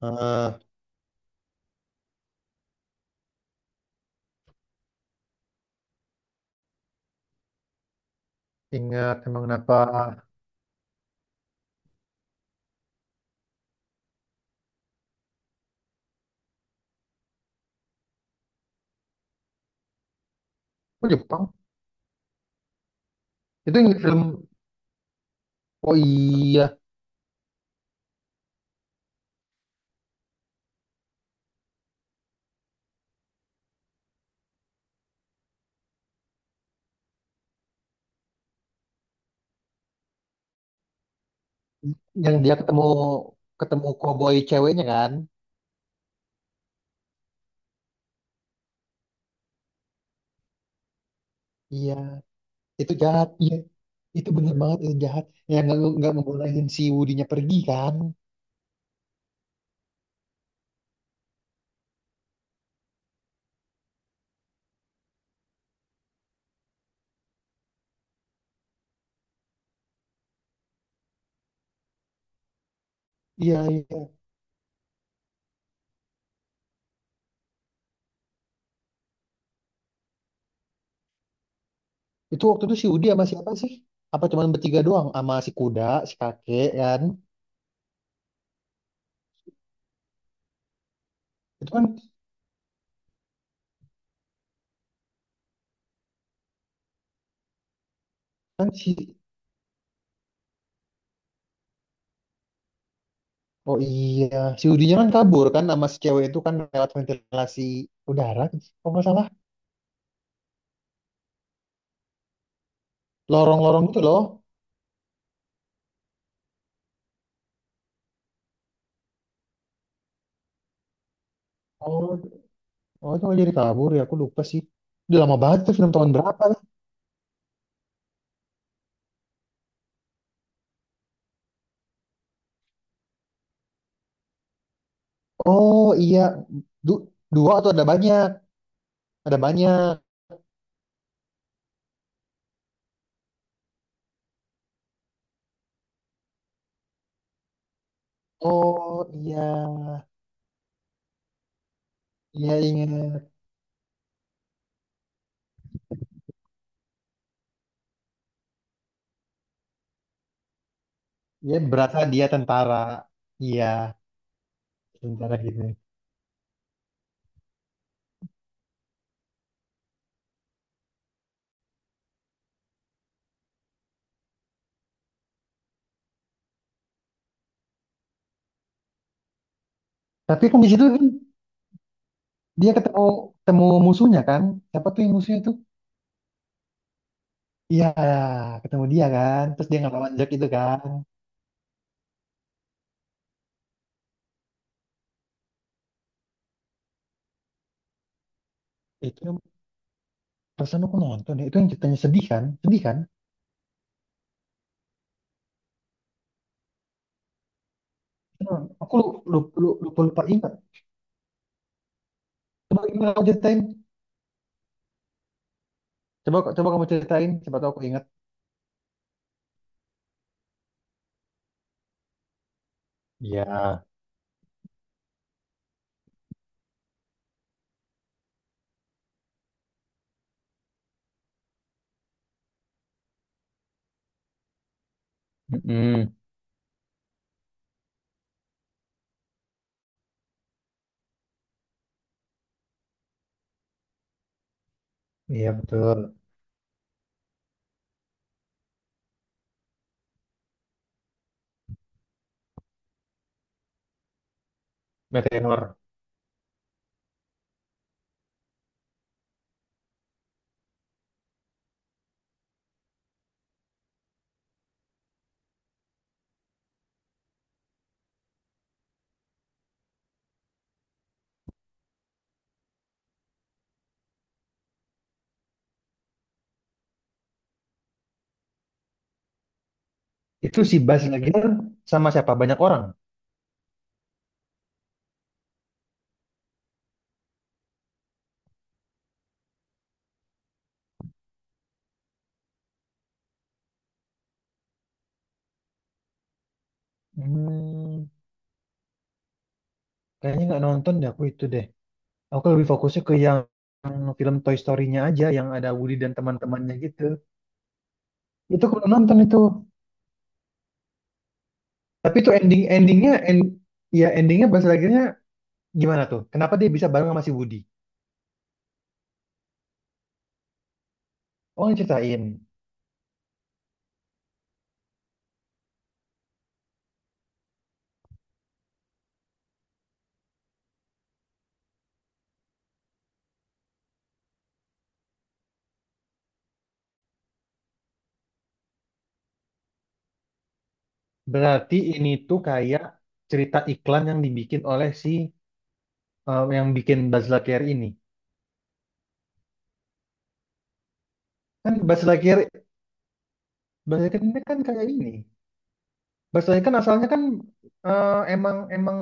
Ah, ingat emang kenapa? Oh, Jepang. Itu yang film. Oh iya, yang dia ketemu ketemu koboi ceweknya kan? Iya, itu jahat. Iya, itu bener banget itu jahat. Yang nggak ngebolehin si Woody-nya pergi kan? Iya, iya. Itu waktu itu si Woody sama siapa sih? Apa cuman bertiga doang sama si kuda, si kakek kan? Itu kan kan si Oh iya, si Woody kan kabur kan sama si cewek itu kan lewat ventilasi udara, kalau nggak salah. Lorong-lorong gitu loh. Oh, oh itu nggak jadi kabur ya. Aku lupa sih. Udah lama banget tuh film, tahun berapa ya? Oh iya. Du- Dua atau ada banyak? Ada banyak. Oh iya, iya ingat. Iya, berasa dia tentara. Iya, tentara gitu. Tapi kan di situ kan dia ketemu ketemu musuhnya kan? Siapa tuh yang musuhnya tuh? Iya, ketemu dia kan. Terus dia ngelawan Jack itu kan. Itu yang perasaan aku nonton ya. Itu yang ceritanya sedih kan? Sedih kan? Itu, aku lupa, ingat. Coba gimana kau ceritain? Coba, kamu ceritain, siapa tahu aku ingat. Iya, mm, iya betul. Meteor. Itu si Bas Nagier sama siapa? Banyak orang. Hmm, kayaknya nggak nonton deh aku itu deh. Aku lebih fokusnya ke yang film Toy Story-nya aja, yang ada Woody dan teman-temannya gitu. Itu aku belum nonton itu. Tapi itu ending endingnya, end, ya endingnya Bas Nagier-nya gimana tuh? Kenapa dia bisa bareng sama si Woody? Oh, yang ceritain. Berarti ini tuh kayak cerita iklan yang dibikin oleh si yang bikin Buzz Lightyear ini. Kan Buzz Lightyear, Buzz Lightyear ini kan kayak ini. Buzz Lightyear kan asalnya kan emang emang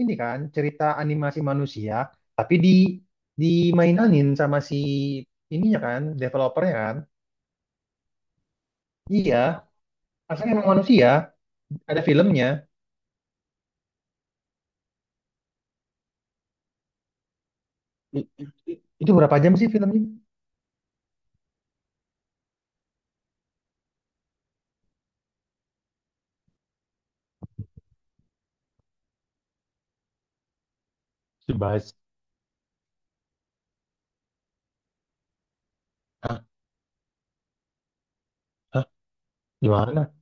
ini kan cerita animasi manusia, tapi di dimainanin sama si ininya kan, developernya kan. Iya, asalnya emang manusia, ada filmnya. Itu berapa jam sih filmnya? Dibahas. Hah? Hah? Gimana?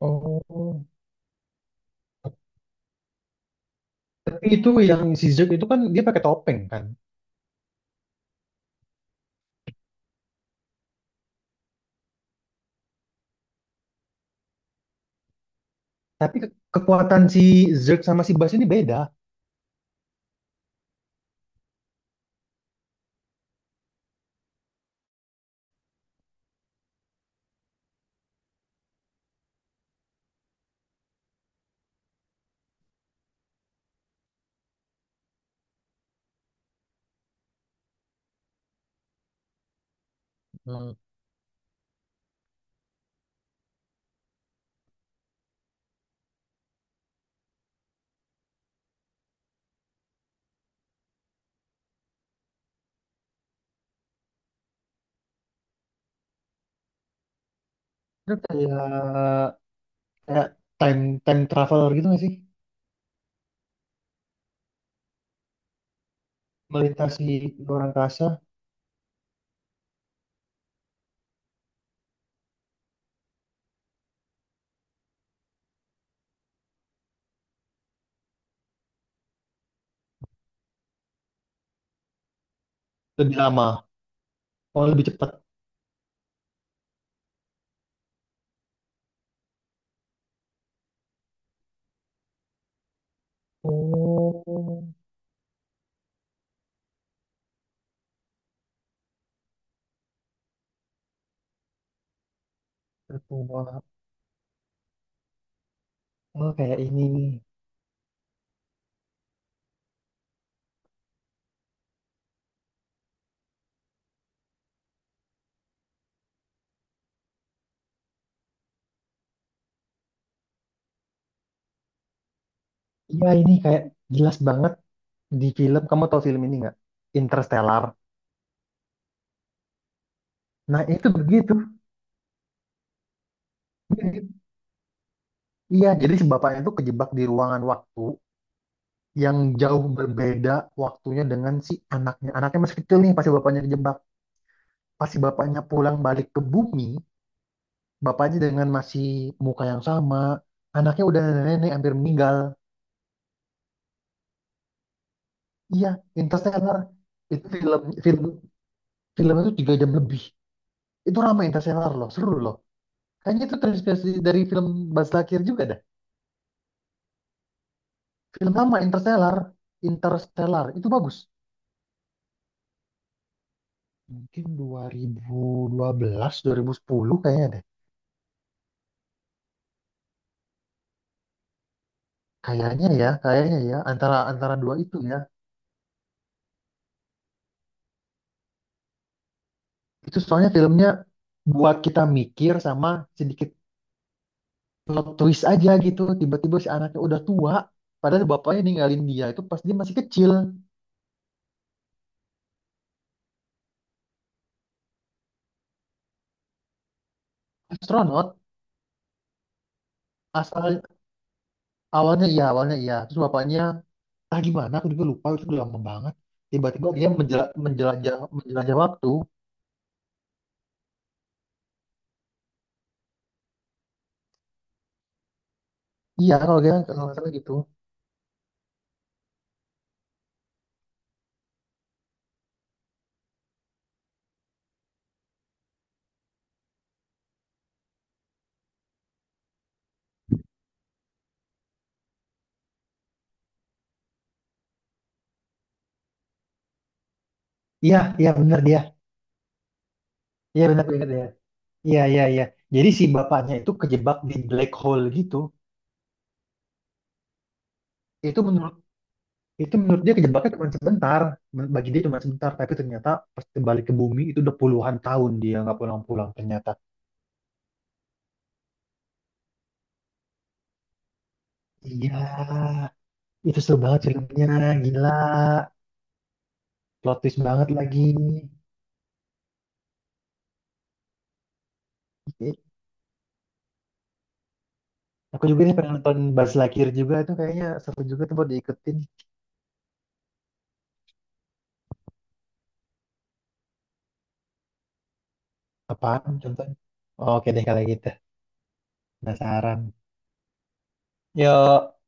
Oh, tapi itu yang si Zerg itu kan dia pakai topeng kan. Tapi kekuatan si Zerg sama si Bas ini beda. Hmm. Itu kayak, kayak time time traveler gitu nggak sih? Melintasi luar angkasa lebih lama, oh lebih cepat. Oh, tertua. Oh, kayak ini nih. Iya, ini kayak jelas banget di film. Kamu tahu film ini nggak? Interstellar. Nah, itu begitu. Mirip. Iya, jadi si bapaknya itu kejebak di ruangan waktu yang jauh berbeda waktunya dengan si anaknya. Anaknya masih kecil nih pas si bapaknya kejebak. Pas si bapaknya pulang balik ke bumi, bapaknya dengan masih muka yang sama, anaknya udah nenek-nenek hampir meninggal. Iya, Interstellar. Itu film, film film itu tiga jam lebih. Itu ramai Interstellar loh, seru loh. Kayaknya itu terinspirasi dari film Baz Luhrmann juga dah. Film lama Interstellar, Interstellar itu bagus. Mungkin 2012, 2010 kayaknya deh. Kayaknya ya antara antara dua itu ya. Itu soalnya filmnya buat kita mikir sama sedikit plot twist aja gitu, tiba-tiba si anaknya udah tua padahal bapaknya ninggalin dia itu pas dia masih kecil. Astronot, asal, awalnya iya, awalnya iya. Terus bapaknya, ah gimana aku juga lupa, itu udah lama banget. Tiba-tiba dia menjelajah menjelajah waktu. Iya, kalau dia kan, kalau nggak salah gitu. Iya iya benar dia, iya benar benar dia. Iya iya iya, jadi si bapaknya itu kejebak di black hole gitu. Itu menurut, itu menurut dia kejebaknya cuma sebentar. Bagi dia cuma sebentar, tapi ternyata pas kembali ke bumi itu udah puluhan tahun dia nggak pulang-pulang ternyata. Iya, itu seru banget filmnya, gila, plot twist banget lagi. Ih, aku juga nih pengen nonton Buzz Lightyear juga, itu kayaknya seru juga tuh buat diikutin. Apaan contohnya? Oke deh kalau gitu, penasaran. Yuk.